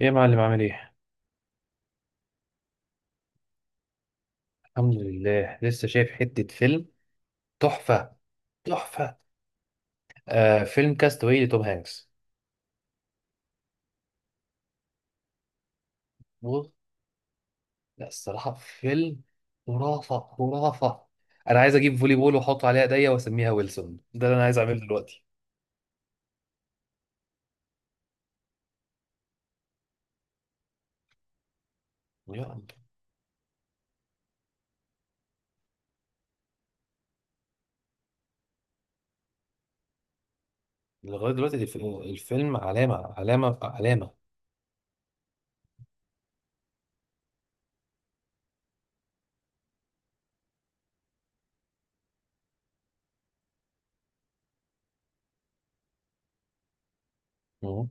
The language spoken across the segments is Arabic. ايه يا معلم عامل ايه؟ الحمد لله لسه شايف حتة فيلم. تحفة. تحفة. فيلم كاستاوي لتوم هانكس. بص، لا الصراحة فيلم خرافة خرافة. انا عايز اجيب فولي بول واحط عليها ايديا واسميها ويلسون، ده اللي انا عايز اعمله دلوقتي. يعني لغاية دلوقتي الفيلم علامة علامة علامة. مم.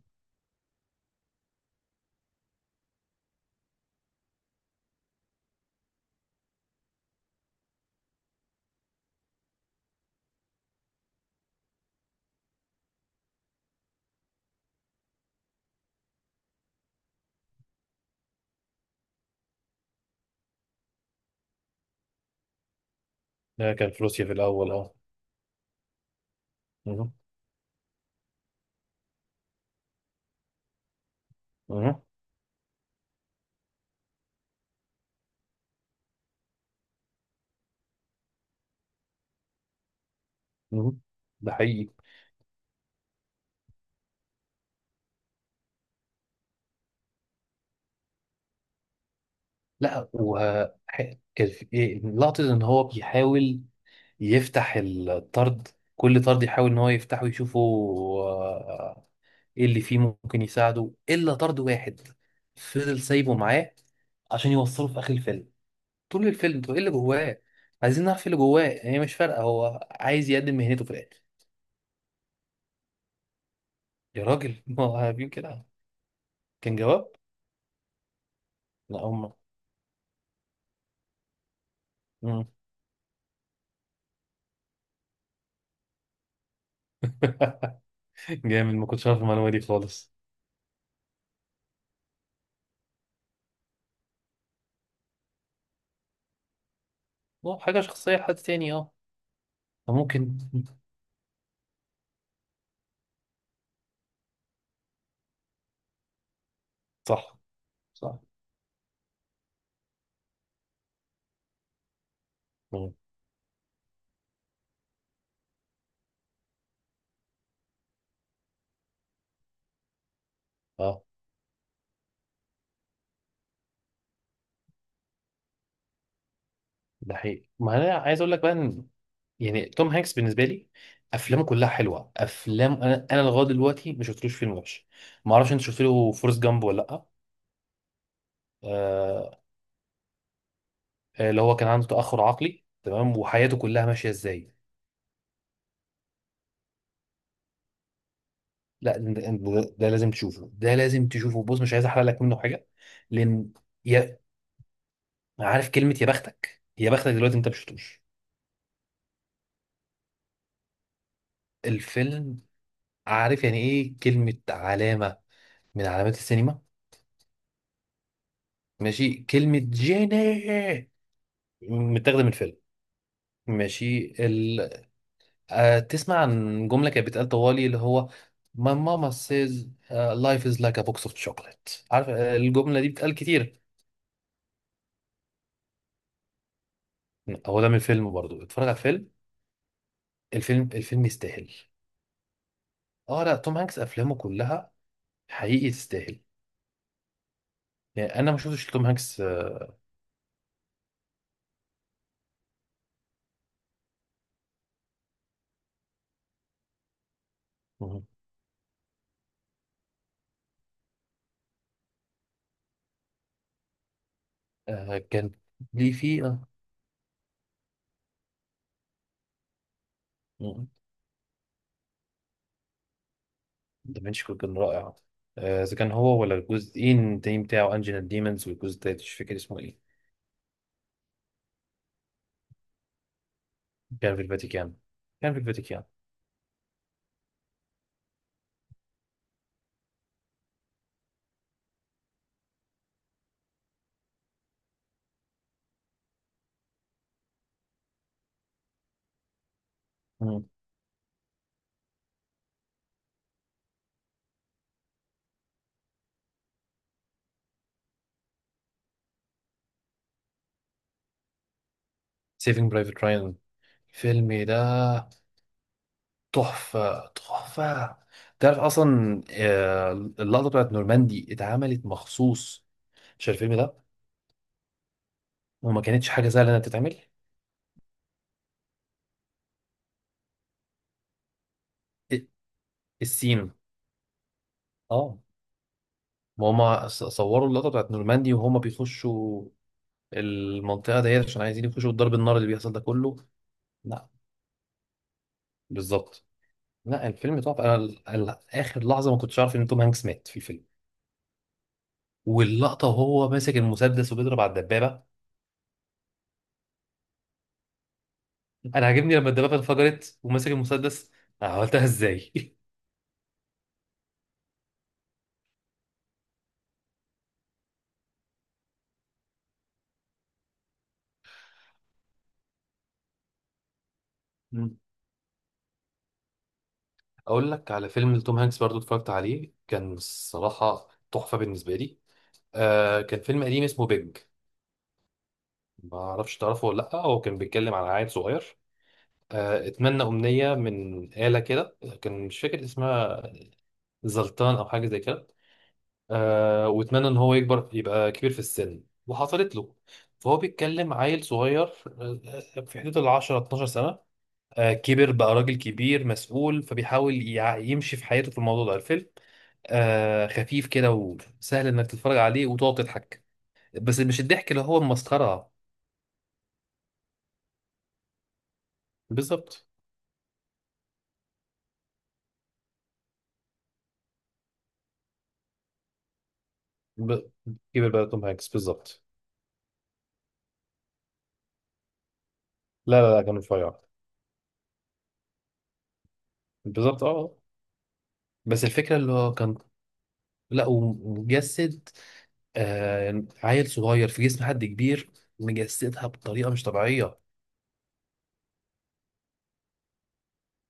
ده كان فلوسيا في الاول اه. مم. مم. مم. ده حقيقي. لا كان لقطة ان هو بيحاول يفتح الطرد. كل طرد يحاول ان هو يفتحه يشوفه، آه، ايه اللي فيه ممكن يساعده الا طرد واحد، فضل سايبه معاه عشان يوصله في اخر الفيلم. طول الفيلم طب ايه اللي جواه؟ عايزين نعرف ايه اللي جواه، هي مش فارقه، هو عايز يقدم مهنته في الاخر. يا راجل ما هو عارفين كده. كان جواب. لا هم. مم. جامد، ما كنتش عارف المعلومه دي خالص. هو حاجه شخصيه لحد تاني اه. فممكن. صح. صح. مم. اه. ده حقيقي. ما انا عايز اقول لك بقى إن يعني توم هانكس بالنسبه لي، افلامه كلها حلوه. افلام انا لغايه دلوقتي ما شفتلوش فيلم وحش. ما اعرفش انت شفت له فورست جامب ولا لا. آه، اللي هو كان عنده تاخر عقلي تمام وحياته كلها ماشيه ازاي. لا ده لازم تشوفه، ده لازم تشوفه، بص مش عايز احرق لك منه حاجه، لان يا عارف كلمه يا بختك يا بختك دلوقتي انت ما شفتوش الفيلم. عارف يعني ايه كلمه علامه؟ من علامات السينما. ماشي، كلمه جيني متاخده من الفيلم. ماشي. تسمع عن جملة كانت بتتقال طوالي اللي هو My mama says life is like a box of chocolate. عارف؟ الجملة دي بتتقال كتير. هو ده من الفيلم برضو، اتفرج على الفيلم. الفيلم يستاهل. اه لا توم هانكس افلامه كلها حقيقي تستاهل. يعني انا ما شفتش توم هانكس. مهم. كان ليه فيه. مهم. دافنشي كود كان رائع. اذا كان هو ولا الجزئين التاني بتاعه انجينا ديمونز والجزء التالت مش فاكر اسمه ايه. كان في الفاتيكان. كان في الفاتيكان. سيفينج برايفت رايان الفيلم ده تحفة تحفة. تعرف أصلا، اللقطة بتاعت نورماندي اتعملت مخصوص عشان الفيلم ده، وما كانتش حاجة سهلة إنها تتعمل. ال- السين اه. ما هما صوروا اللقطة بتاعت نورماندي وهما بيخشوا المنطقة ديت عشان عايزين يخشوا ضرب النار اللي بيحصل ده كله. لا بالظبط. لا الفيلم تحفة. أنا آخر لحظة ما كنتش عارف إن توم هانكس مات في الفيلم، واللقطة وهو ماسك المسدس وبيضرب على الدبابة. انا عاجبني لما الدبابه انفجرت وماسك المسدس، أنا عملتها ازاي مم. اقول لك على فيلم لتوم هانكس برضو اتفرجت عليه، كان الصراحه تحفه بالنسبه لي. كان فيلم قديم اسمه بيج، ما اعرفش تعرفه ولا لا. هو كان بيتكلم عن عيل صغير، اتمنى امنيه من آلة كده كان مش فاكر اسمها، زلطان او حاجه زي كده. واتمنى ان هو يكبر يبقى كبير في السن وحصلت له. فهو بيتكلم عيل صغير، في حدود ال 10 12 سنه. كبر بقى راجل كبير مسؤول فبيحاول يمشي في حياته في الموضوع ده الفيلم. خفيف كده وسهل انك تتفرج عليه وتقعد تضحك، بس مش الضحك اللي هو المسخرة. بالظبط. ب... كبر بقى توم هانكس بالظبط. لا لا لا كان رفيع. بالظبط اه آه. بس الفكرة اللي هو كان، لا ومجسد عيل صغير في جسم حد كبير، مجسدها بطريقة مش طبيعية.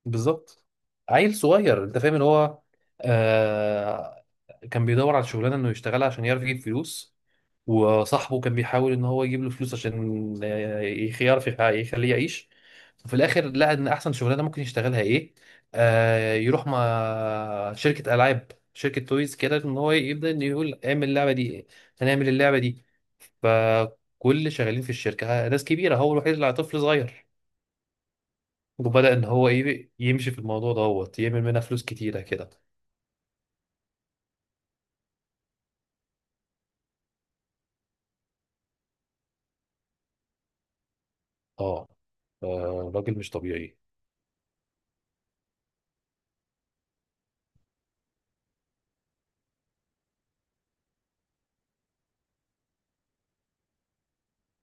بالظبط. عيل صغير انت فاهم ان هو آه كان بيدور على شغلانه انه يشتغلها عشان يعرف يجيب فلوس. وصاحبه كان بيحاول ان هو يجيب له فلوس عشان يعرف يخليه يعيش. وفي الاخر لقى ان احسن شغلانه ممكن يشتغلها ايه، يروح مع شركه العاب شركه تويز كده ان هو يبدا انه يقول اعمل اللعبه دي، هنعمل اللعبه دي. فكل شغالين في الشركه ناس كبيره هو الوحيد اللي طفل صغير. وبدأ إن هو إيه يمشي في الموضوع دوت يعمل منها فلوس كتيرة كده. أه. راجل مش طبيعي.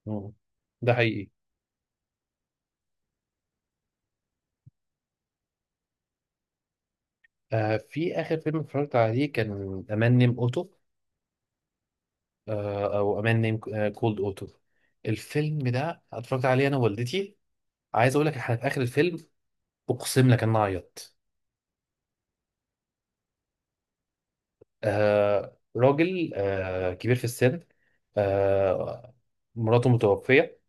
مم. ده حقيقي. في آخر فيلم اتفرجت عليه كان أمان نيم أوتو، أو أمان نيم، كولد أوتو. الفيلم ده اتفرجت عليه أنا ووالدتي. عايز أقول لك إحنا في آخر الفيلم، أقسم لك إن أنا عيطت. راجل كبير في السن. آه مراته متوفية،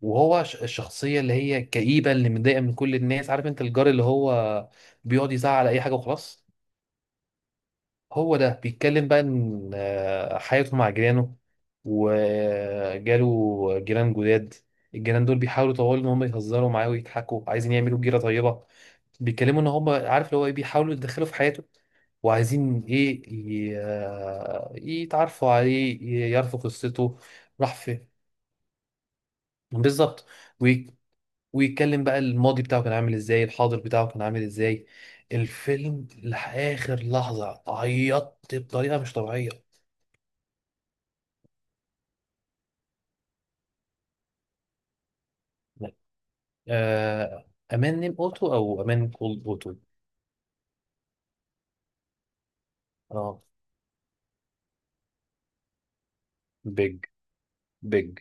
وهو الشخصية اللي هي الكئيبة اللي متضايقة من كل الناس، عارف انت الجار اللي هو بيقعد يزعق على اي حاجة وخلاص. هو ده بيتكلم بقى ان حياته مع جيرانه وجاله جيران جداد. الجيران دول بيحاولوا طوال ان هم يهزروا معاه ويضحكوا عايزين يعملوا جيرة طيبة. بيتكلموا ان هم عارف اللي هو ايه بيحاولوا يتدخلوا في حياته، وعايزين ايه يتعرفوا عليه يعرفوا قصته. راح فين بالظبط. ويتكلم بقى الماضي بتاعه كان عامل ازاي الحاضر بتاعه كان عامل ازاي. الفيلم لآخر لحظة عيطت بطريقة مش طبيعية. آه أمان نيم أوتو أو أمان كولد أوتو. اه بيج بيج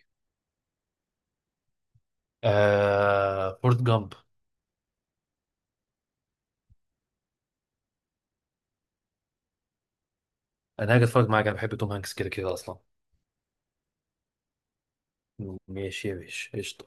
فورت جامب. أنا هاجي أتفرج معاك أنا بحب توم هانكس كده كده أصلا. ماشي يا باشا قشطة.